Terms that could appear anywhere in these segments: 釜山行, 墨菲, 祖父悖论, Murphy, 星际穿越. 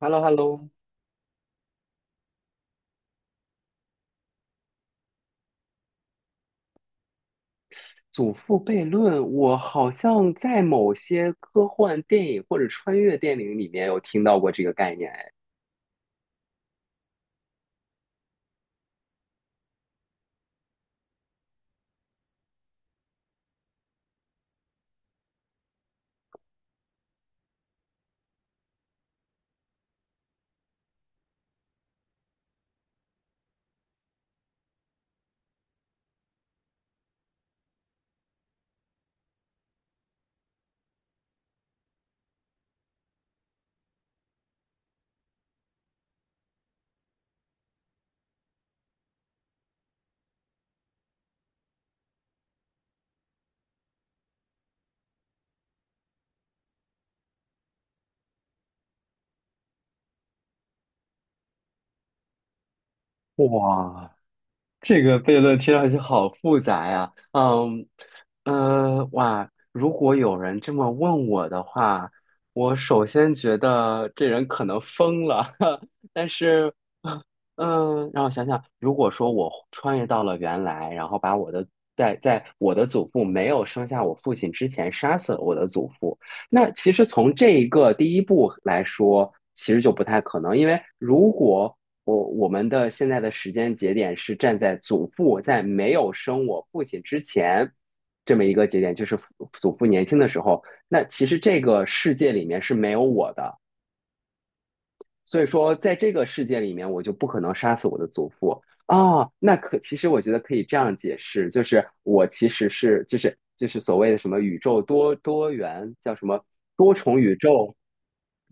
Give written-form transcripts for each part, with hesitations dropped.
h e l l o h e l l o 祖父悖论，我好像在某些科幻电影或者穿越电影里面有听到过这个概念。哎，哇，这个悖论听上去好复杂呀，哇，如果有人这么问我的话，我首先觉得这人可能疯了，但是，让我想想，如果说我穿越到了原来，然后把我的在在我的祖父没有生下我父亲之前杀死了我的祖父，那其实从这一个第一步来说，其实就不太可能，因为如果我们的现在的时间节点是站在祖父在没有生我父亲之前这么一个节点，就是祖父年轻的时候。那其实这个世界里面是没有我的，所以说，在这个世界里面，我就不可能杀死我的祖父啊。哦，那其实我觉得可以这样解释，就是我其实就是所谓的什么宇宙多元叫什么多重宇宙，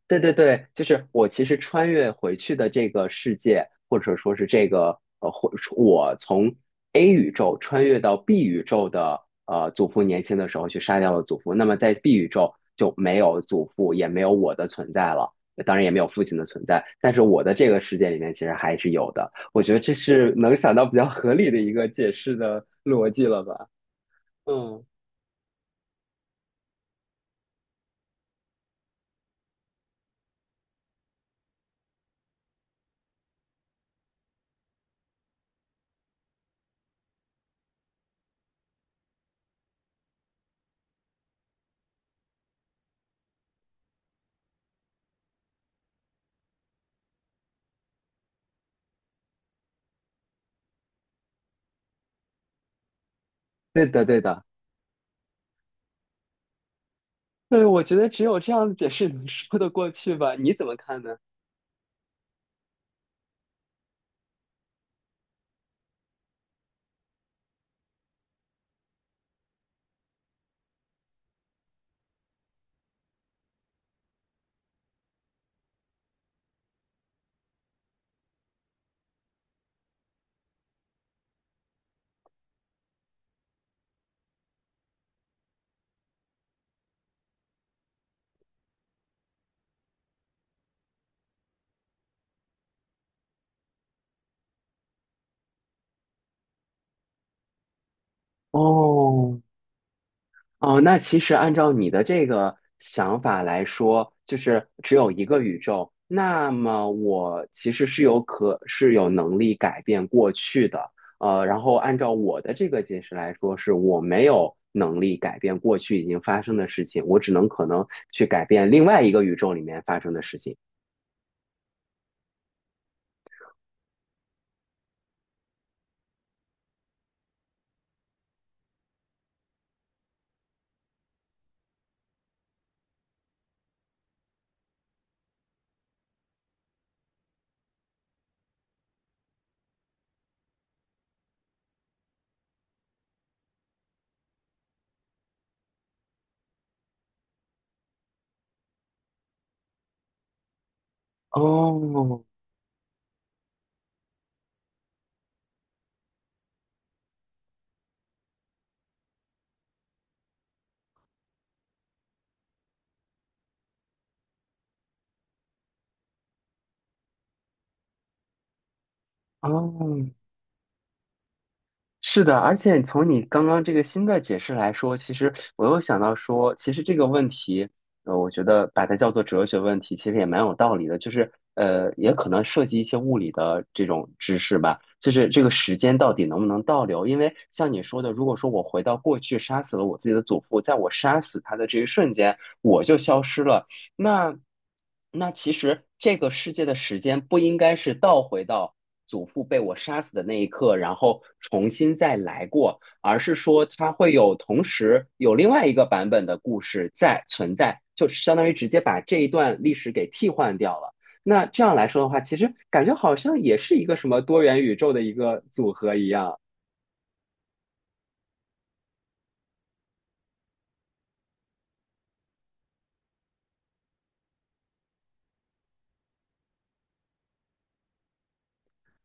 对对对，就是我其实穿越回去的这个世界，或者说是这个或我从 A 宇宙穿越到 B 宇宙的祖父年轻的时候去杀掉了祖父，那么在 B 宇宙就没有祖父，也没有我的存在了。当然也没有父亲的存在，但是我的这个世界里面其实还是有的。我觉得这是能想到比较合理的一个解释的逻辑了吧？嗯，对的，对的，对，我觉得只有这样的解释能说得过去吧？你怎么看呢？哦，哦，那其实按照你的这个想法来说，就是只有一个宇宙，那么我其实是是有能力改变过去的。然后按照我的这个解释来说，是我没有能力改变过去已经发生的事情，我只能可能去改变另外一个宇宙里面发生的事情。哦哦，是的，而且从你刚刚这个新的解释来说，其实我又想到说，其实这个问题，我觉得把它叫做哲学问题，其实也蛮有道理的。就是，也可能涉及一些物理的这种知识吧。就是这个时间到底能不能倒流？因为像你说的，如果说我回到过去杀死了我自己的祖父，在我杀死他的这一瞬间，我就消失了。那那其实这个世界的时间不应该是倒回到祖父被我杀死的那一刻，然后重新再来过，而是说它会有同时有另外一个版本的故事在存在，就相当于直接把这一段历史给替换掉了。那这样来说的话，其实感觉好像也是一个什么多元宇宙的一个组合一样。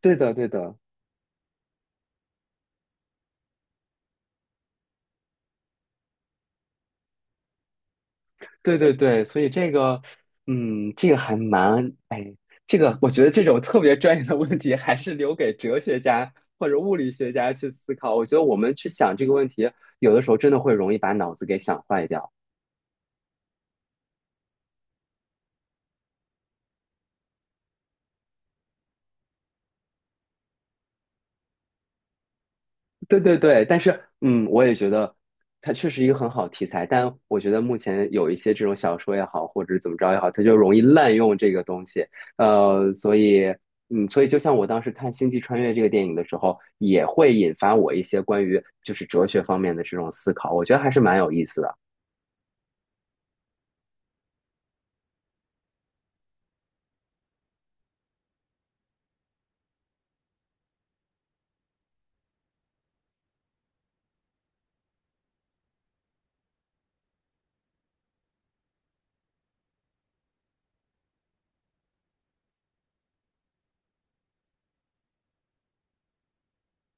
对的，对的。对对对，所以这个，这个还蛮，哎，这个我觉得这种特别专业的问题，还是留给哲学家或者物理学家去思考。我觉得我们去想这个问题，有的时候真的会容易把脑子给想坏掉。对对对，但是我也觉得它确实一个很好题材，但我觉得目前有一些这种小说也好，或者怎么着也好，它就容易滥用这个东西。呃，所以所以就像我当时看《星际穿越》这个电影的时候，也会引发我一些关于就是哲学方面的这种思考，我觉得还是蛮有意思的。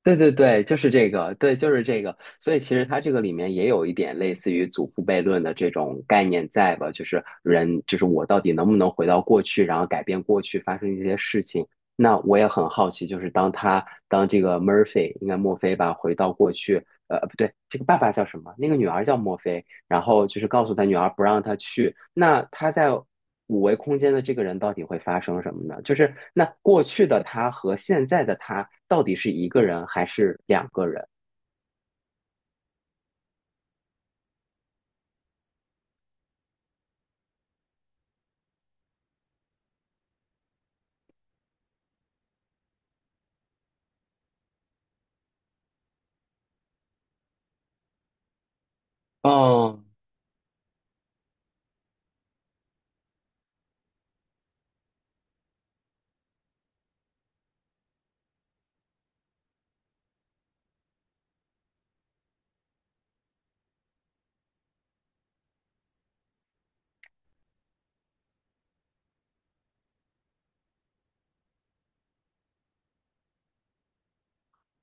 对对对，就是这个，对，就是这个。所以其实它这个里面也有一点类似于祖父悖论的这种概念在吧？就是人，就是我到底能不能回到过去，然后改变过去发生这些事情？那我也很好奇，就是当这个 Murphy，应该墨菲吧，回到过去，不对，这个爸爸叫什么？那个女儿叫墨菲，然后就是告诉他女儿不让他去。那他在五维空间的这个人到底会发生什么呢？就是那过去的他和现在的他到底是一个人还是两个人？哦，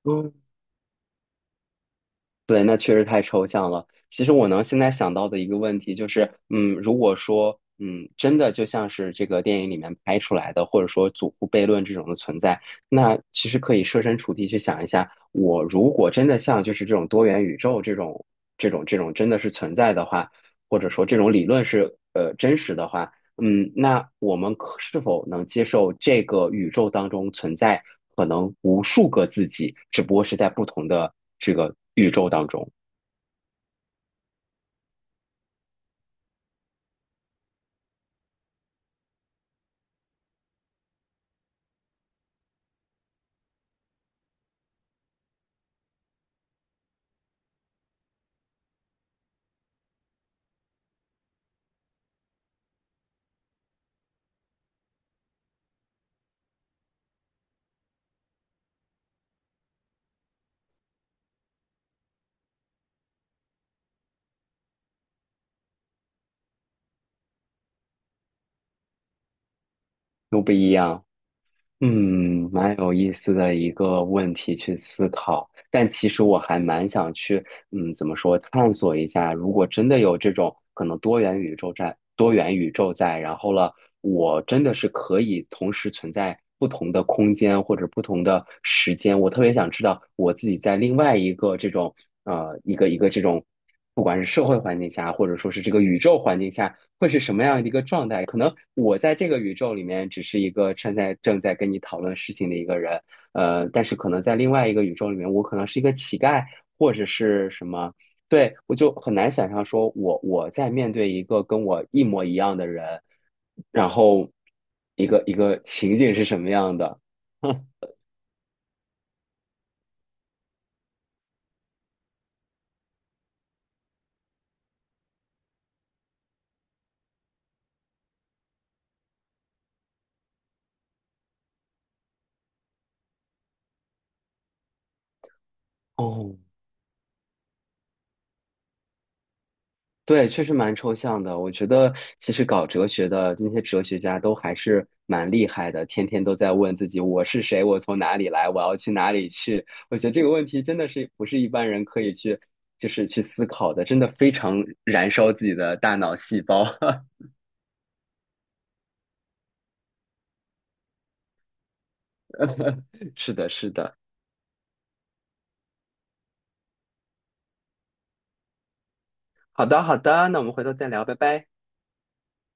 嗯，对，那确实太抽象了。其实我能现在想到的一个问题就是，如果说，真的就像是这个电影里面拍出来的，或者说祖父悖论这种的存在，那其实可以设身处地去想一下，我如果真的像就是这种多元宇宙这种真的是存在的话，或者说这种理论是真实的话。那我们是否能接受这个宇宙当中存在可能无数个自己，只不过是在不同的这个宇宙当中，都不一样？蛮有意思的一个问题去思考，但其实我还蛮想去，怎么说，探索一下，如果真的有这种可能多元宇宙在，多元宇宙在，然后了，我真的是可以同时存在不同的空间或者不同的时间，我特别想知道我自己在另外一个这种，一个一个这种。不管是社会环境下，或者说是这个宇宙环境下，会是什么样的一个状态？可能我在这个宇宙里面只是一个正在跟你讨论事情的一个人，但是可能在另外一个宇宙里面，我可能是一个乞丐，或者是什么。对，我就很难想象说我在面对一个跟我一模一样的人，然后一个一个情景是什么样的。哦，对，确实蛮抽象的。我觉得其实搞哲学的那些哲学家都还是蛮厉害的，天天都在问自己我是谁，我从哪里来，我要去哪里去。我觉得这个问题真的是不是一般人可以去就是去思考的，真的非常燃烧自己的大脑细胞。是的，是的。好的，好的，那我们回头再聊，拜拜。